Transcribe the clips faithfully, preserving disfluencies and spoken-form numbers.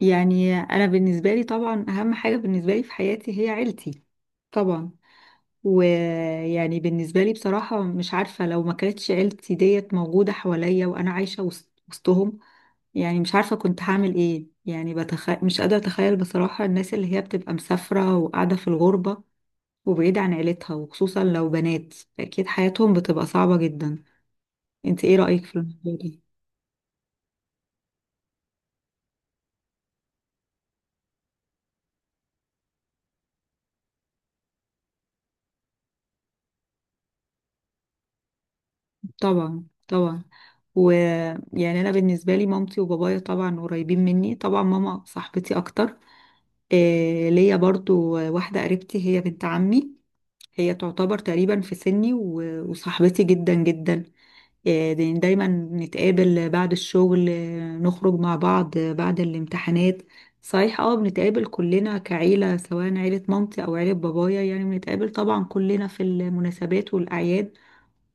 يعني انا بالنسبه لي طبعا اهم حاجه بالنسبه لي في حياتي هي عيلتي. طبعا. ويعني بالنسبه لي بصراحه مش عارفه لو ما كانتش عيلتي ديت موجوده حواليا وانا عايشه وسط- وسطهم. يعني مش عارفه كنت هعمل ايه، يعني بتخ... مش قادره اتخيل بصراحه الناس اللي هي بتبقى مسافره وقاعده في الغربه وبعيده عن عيلتها وخصوصا لو بنات. اكيد حياتهم بتبقى صعبه جدا. انت ايه رايك في الموضوع ده؟ طبعا طبعا. ويعني انا بالنسبه لي مامتي وبابايا طبعا قريبين مني، طبعا ماما صاحبتي اكتر. إيه، ليا برضو واحده قريبتي هي بنت عمي. هي تعتبر تقريبا في سني و- وصاحبتي جدا جدا. إيه، داي- دايما نتقابل بعد الشغل، آه، نخرج مع بعض، آه، بعد الامتحانات. صحيح، اه، بنتقابل كلنا كعيله سواء عيله مامتي او عيله بابايا، يعني بنتقابل طبعا كلنا في المناسبات والاعياد.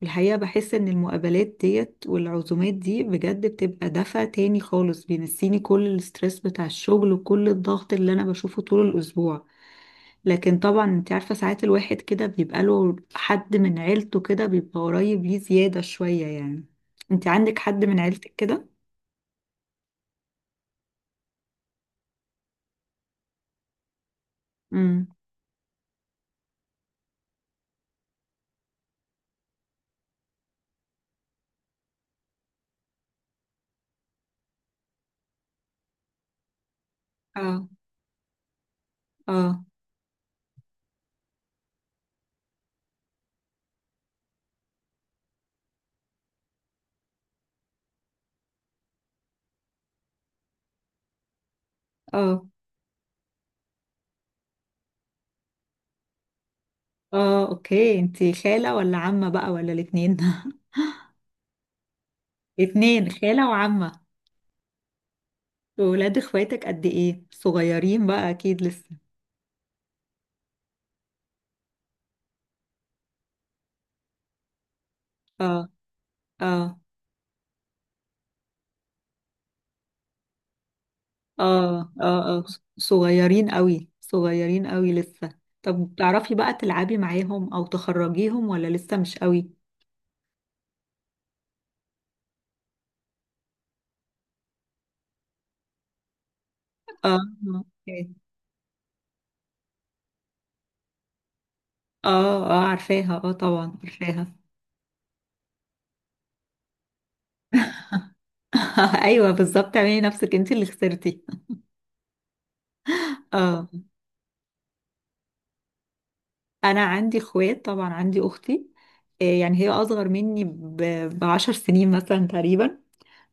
الحقيقة بحس إن المقابلات ديت والعزومات دي بجد بتبقى دفع تاني خالص، بينسيني كل الستريس بتاع الشغل وكل الضغط اللي أنا بشوفه طول الأسبوع. لكن طبعا أنت عارفة ساعات الواحد كده بيبقى له حد من عيلته كده بيبقى قريب ليه زيادة شوية يعني. أنت عندك حد من عيلتك كده؟ امم. اه اه اه. اه، اوكي. أنت خالة ولا عمة بقى ولا الاتنين؟ اتنين، خالة وعمة. وولاد اخواتك قد ايه؟ صغيرين بقى أكيد لسه. اه اه اه اه اه. ص- صغيرين قوي، صغيرين قوي لسه. طب بتعرفي بقى تلعبي معاهم او تخرجيهم ولا لسه مش قوي؟ اه اه. إيه. اه، آه، عارفاها، اه طبعا عارفاها. ايوه بالظبط، اعملي نفسك انت اللي خسرتي. اه. انا عندي اخوات طبعا، عندي اختي. آه، يعني هي اصغر مني ب- بعشر سنين مثلا تقريبا.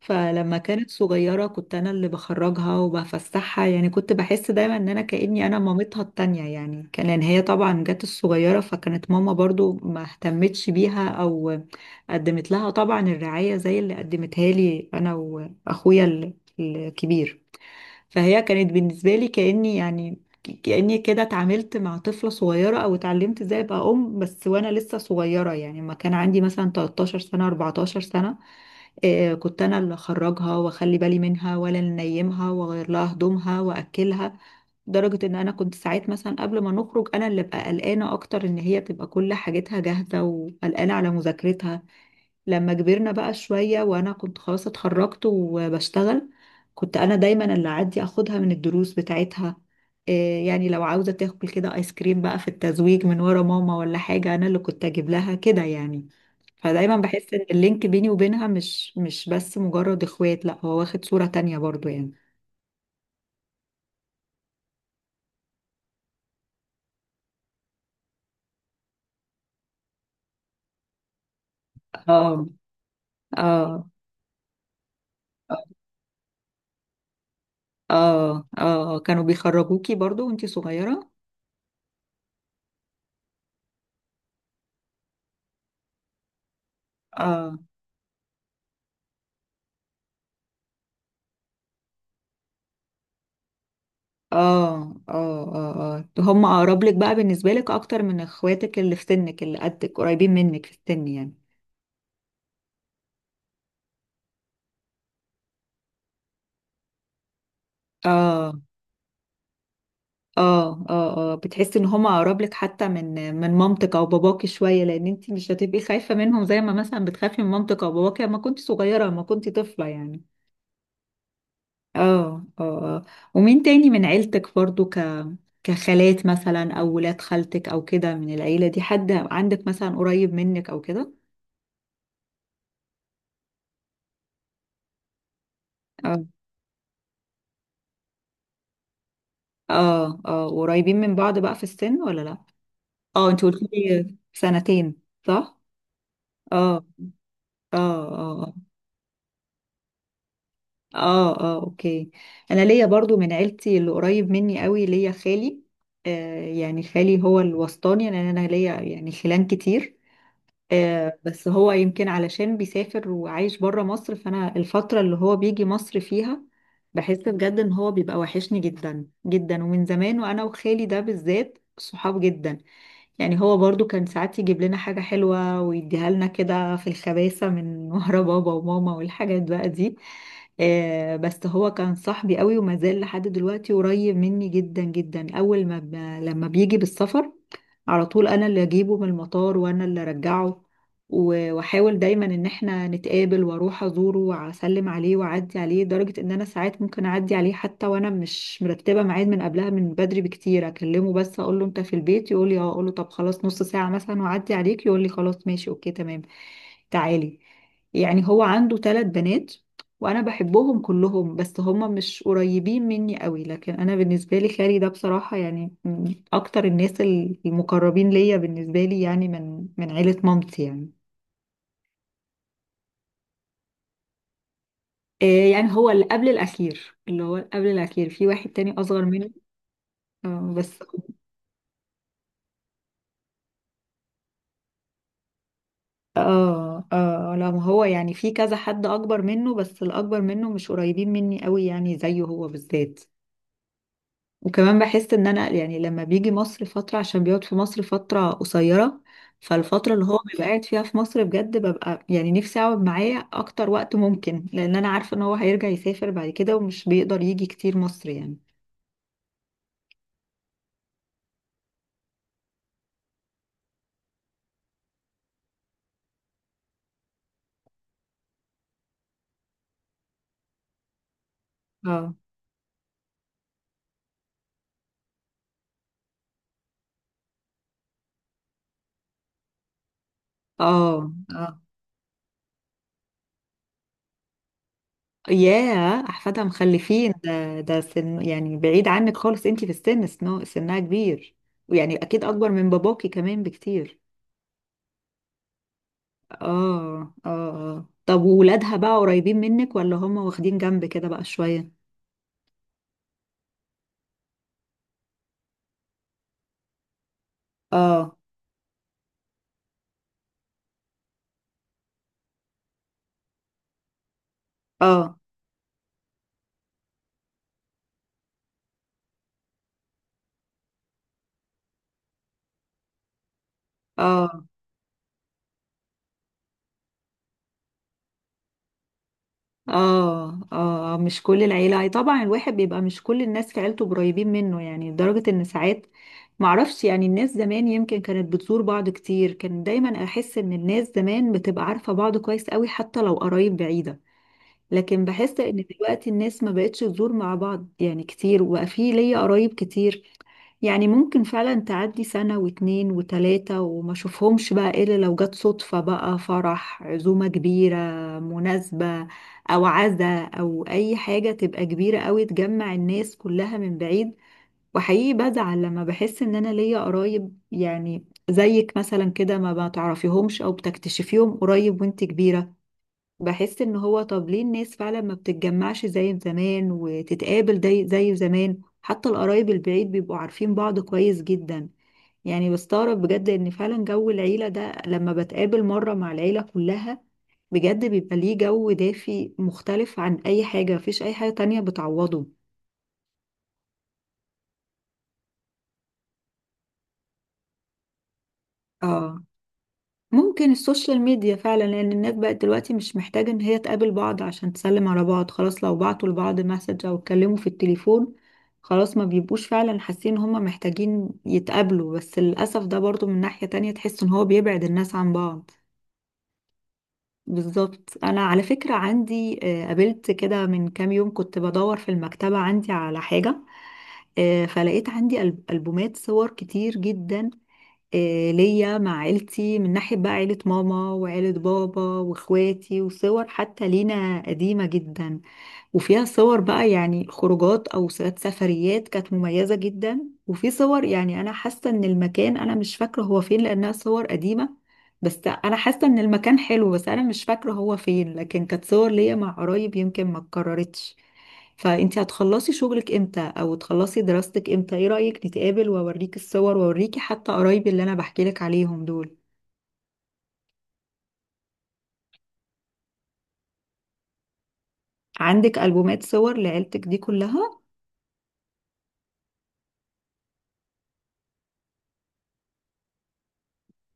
فلما كانت صغيرة كنت أنا اللي بخرجها وبفسحها، يعني كنت بحس دايما إن أنا كأني أنا مامتها التانية، يعني كان لأن هي طبعا جت الصغيرة فكانت ماما برضو ما اهتمتش بيها أو قدمت لها طبعا الرعاية زي اللي قدمتها لي أنا وأخويا ال- الكبير. فهي كانت بالنسبة لي كأني يعني كأني كده اتعاملت مع طفلة صغيرة أو اتعلمت ازاي أبقى أم، بس وأنا لسه صغيرة، يعني ما كان عندي مثلا 13 سنة 14 سنة. آه، كنت انا اللي اخرجها واخلي بالي منها ولا ننيمها واغير لها هدومها واكلها. لدرجة ان انا كنت ساعات مثلا قبل ما نخرج انا اللي ببقى قلقانة اكتر ان هي تبقى كل حاجتها جاهزة وقلقانة على مذاكرتها. لما كبرنا بقى شوية وأنا كنت خلاص اتخرجت وبشتغل كنت أنا دايما اللي أعدي أخدها من الدروس بتاعتها. إيه، يعني لو عاوزة تاكل كده آيس كريم بقى في التزويق من ورا ماما ولا حاجة أنا اللي كنت أجيب لها كده يعني. فدايما بحس إن اللينك بيني وبينها مش مش بس مجرد إخوات، لأ، هو واخد صورة تانية برضو يعني. اه اه اه اه، كانوا بيخرجوكي برضو وانتي صغيرة؟ اه اه اه اه اه، هم اقرب لك بقى بالنسبة لك اكتر من اخواتك اللي في سنك اللي قدك قريبين منك في السن يعني. اه اه اه اه، بتحسي ان هم اقرب لك حتى من من مامتك او باباكي شوية، لان انت مش هتبقي خايفة منهم زي ما مثلا بتخافي من مامتك او باباكي لما كنت صغيرة لما كنت طفلة يعني. اه اه اه. ومين تاني من عيلتك برضو، ك كخالات مثلا او ولاد خالتك او كده، من العيلة دي حد عندك مثلا قريب منك او كده؟ آه. اه اه، قريبين من بعض بقى في السن ولا لا؟ اه، انت قلت لي سنتين، صح. اه اه اه اه اه، اوكي. انا ليا برضو من عيلتي اللي قريب مني قوي، ليا خالي. آه يعني خالي هو الوسطاني لان انا ليا يعني خلان كتير. آه بس هو يمكن علشان بيسافر وعايش بره مصر، فانا الفترة اللي هو بيجي مصر فيها بحس بجد ان هو بيبقى وحشني جدا جدا. ومن زمان وانا وخالي ده بالذات صحاب جدا. يعني هو برضو كان ساعات يجيب لنا حاجة حلوة ويديها لنا كده في الخباثة من ورا بابا وماما والحاجات بقى دي. آه، بس هو كان صاحبي قوي وما زال لحد دلوقتي قريب مني جدا جدا. أول ما ب... لما بيجي بالسفر على طول أنا اللي أجيبه من المطار وأنا اللي أرجعه. و- واحاول دايما ان احنا نتقابل واروح ازوره واسلم عليه واعدي عليه، لدرجه ان انا ساعات ممكن اعدي عليه حتى وانا مش مرتبه ميعاد من قبلها من بدري بكتير. اكلمه بس اقول له انت في البيت، يقول لي اه، اقول له طب خلاص نص ساعه مثلا واعدي عليك، يقول لي خلاص ماشي اوكي تمام تعالي. يعني هو عنده ثلاث بنات وانا بحبهم كلهم، بس هما مش قريبين مني قوي، لكن انا بالنسبه لي خالي ده بصراحه يعني من اكتر الناس المقربين ليا بالنسبه لي، يعني من من عيله مامتي يعني. آه، يعني هو اللي قبل الأخير، اللي هو قبل الأخير في واحد تاني أصغر منه. آه، بس اه اه، لا، ما هو يعني في كذا حد أكبر منه بس الأكبر منه مش قريبين مني قوي يعني زيه هو بالذات. وكمان بحس إن أنا يعني لما بيجي مصر فترة، عشان بيقعد في مصر فترة قصيرة. فالفترة اللي هو بيبقى قاعد فيها في مصر بجد ببقى يعني نفسي أقعد معاه أكتر وقت ممكن، لأن أنا عارفة إن هو هيرجع يسافر بعد كده ومش بيقدر يجي كتير مصر يعني. اه اه اه، ياه احفادها مخلفين، ده ده سن يعني بعيد عنك خالص، انتي في السن سنو سنها كبير. ويعني اكيد اكبر من باباكي كمان بكتير. اه اه اه، طب وولادها بقى قريبين منك ولا هم واخدين جنب كده بقى شوية؟ اه اه اه اه اه. آه، مش كل العيلة، أي طبعا الواحد بيبقى مش كل الناس في عيلته قريبين منه يعني، لدرجة ان ساعات معرفش يعني. الناس زمان يمكن كانت بتزور بعض كتير، كان دايما احس ان الناس زمان بتبقى عارفة بعض كويس قوي حتى لو قرايب بعيدة. لكن بحس ان دلوقتي الناس ما بقتش تزور مع بعض يعني كتير، وبقى في ليا قرايب كتير يعني ممكن فعلا تعدي سنة واتنين وتلاتة وما اشوفهمش بقى إلا لو جت صدفة بقى فرح، عزومة كبيرة، مناسبة، أو عزا، أو أي حاجة تبقى كبيرة أوي تجمع الناس كلها من بعيد. وحقيقي بزعل لما بحس إن أنا ليا قرايب يعني زيك مثلا كده ما بتعرفيهمش أو بتكتشفيهم قريب وانت كبيرة. بحس ان هو طب ليه الناس فعلا ما بتتجمعش زي زمان وتتقابل زي زي زمان، حتى القرايب البعيد بيبقوا عارفين بعض كويس جدا. يعني بستغرب بجد ان فعلا جو العيلة ده لما بتقابل مرة مع العيلة كلها بجد بيبقى ليه جو دافي مختلف عن اي حاجة، مفيش اي حاجة تانية بتعوضه. اه، ممكن السوشيال ميديا فعلا، لان الناس بقت دلوقتي مش محتاجة ان هي تقابل بعض عشان تسلم على بعض، خلاص لو بعتوا لبعض مسج او اتكلموا في التليفون خلاص ما بيبقوش فعلا حاسين ان هما محتاجين يتقابلوا. بس للأسف ده برضو من ناحية تانية تحس ان هو بيبعد الناس عن بعض. بالظبط. انا على فكرة عندي، آه، قابلت كده من كام يوم كنت بدور في المكتبة عندي على حاجة، آه، فلقيت عندي ألب- ألبومات صور كتير جدا، آه، ليا مع عيلتي من ناحية بقى عيلة ماما وعيلة بابا واخواتي، وصور حتى لينا قديمة جدا. وفيها صور بقى يعني خروجات أو ساعات سفريات كانت مميزة جدا. وفي صور يعني أنا حاسة إن المكان أنا مش فاكرة هو فين لأنها صور قديمة، بس أنا حاسة إن المكان حلو بس أنا مش فاكرة هو فين، لكن كانت صور ليا مع قرايب يمكن ما اتكررتش. فانت هتخلصي شغلك امتى او تخلصي دراستك امتى؟ ايه رأيك نتقابل واوريك الصور واوريكي حتى قرايبي اللي انا بحكي لك عليهم دول؟ عندك ألبومات صور لعيلتك دي كلها؟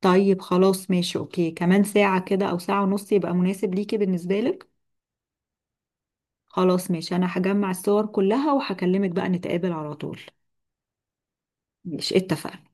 طيب خلاص ماشي اوكي، كمان ساعة كده او ساعة ونص يبقى مناسب ليكي بالنسبة لك؟ خلاص ماشي، انا هجمع الصور كلها وهكلمك بقى نتقابل على طول. مش اتفقنا؟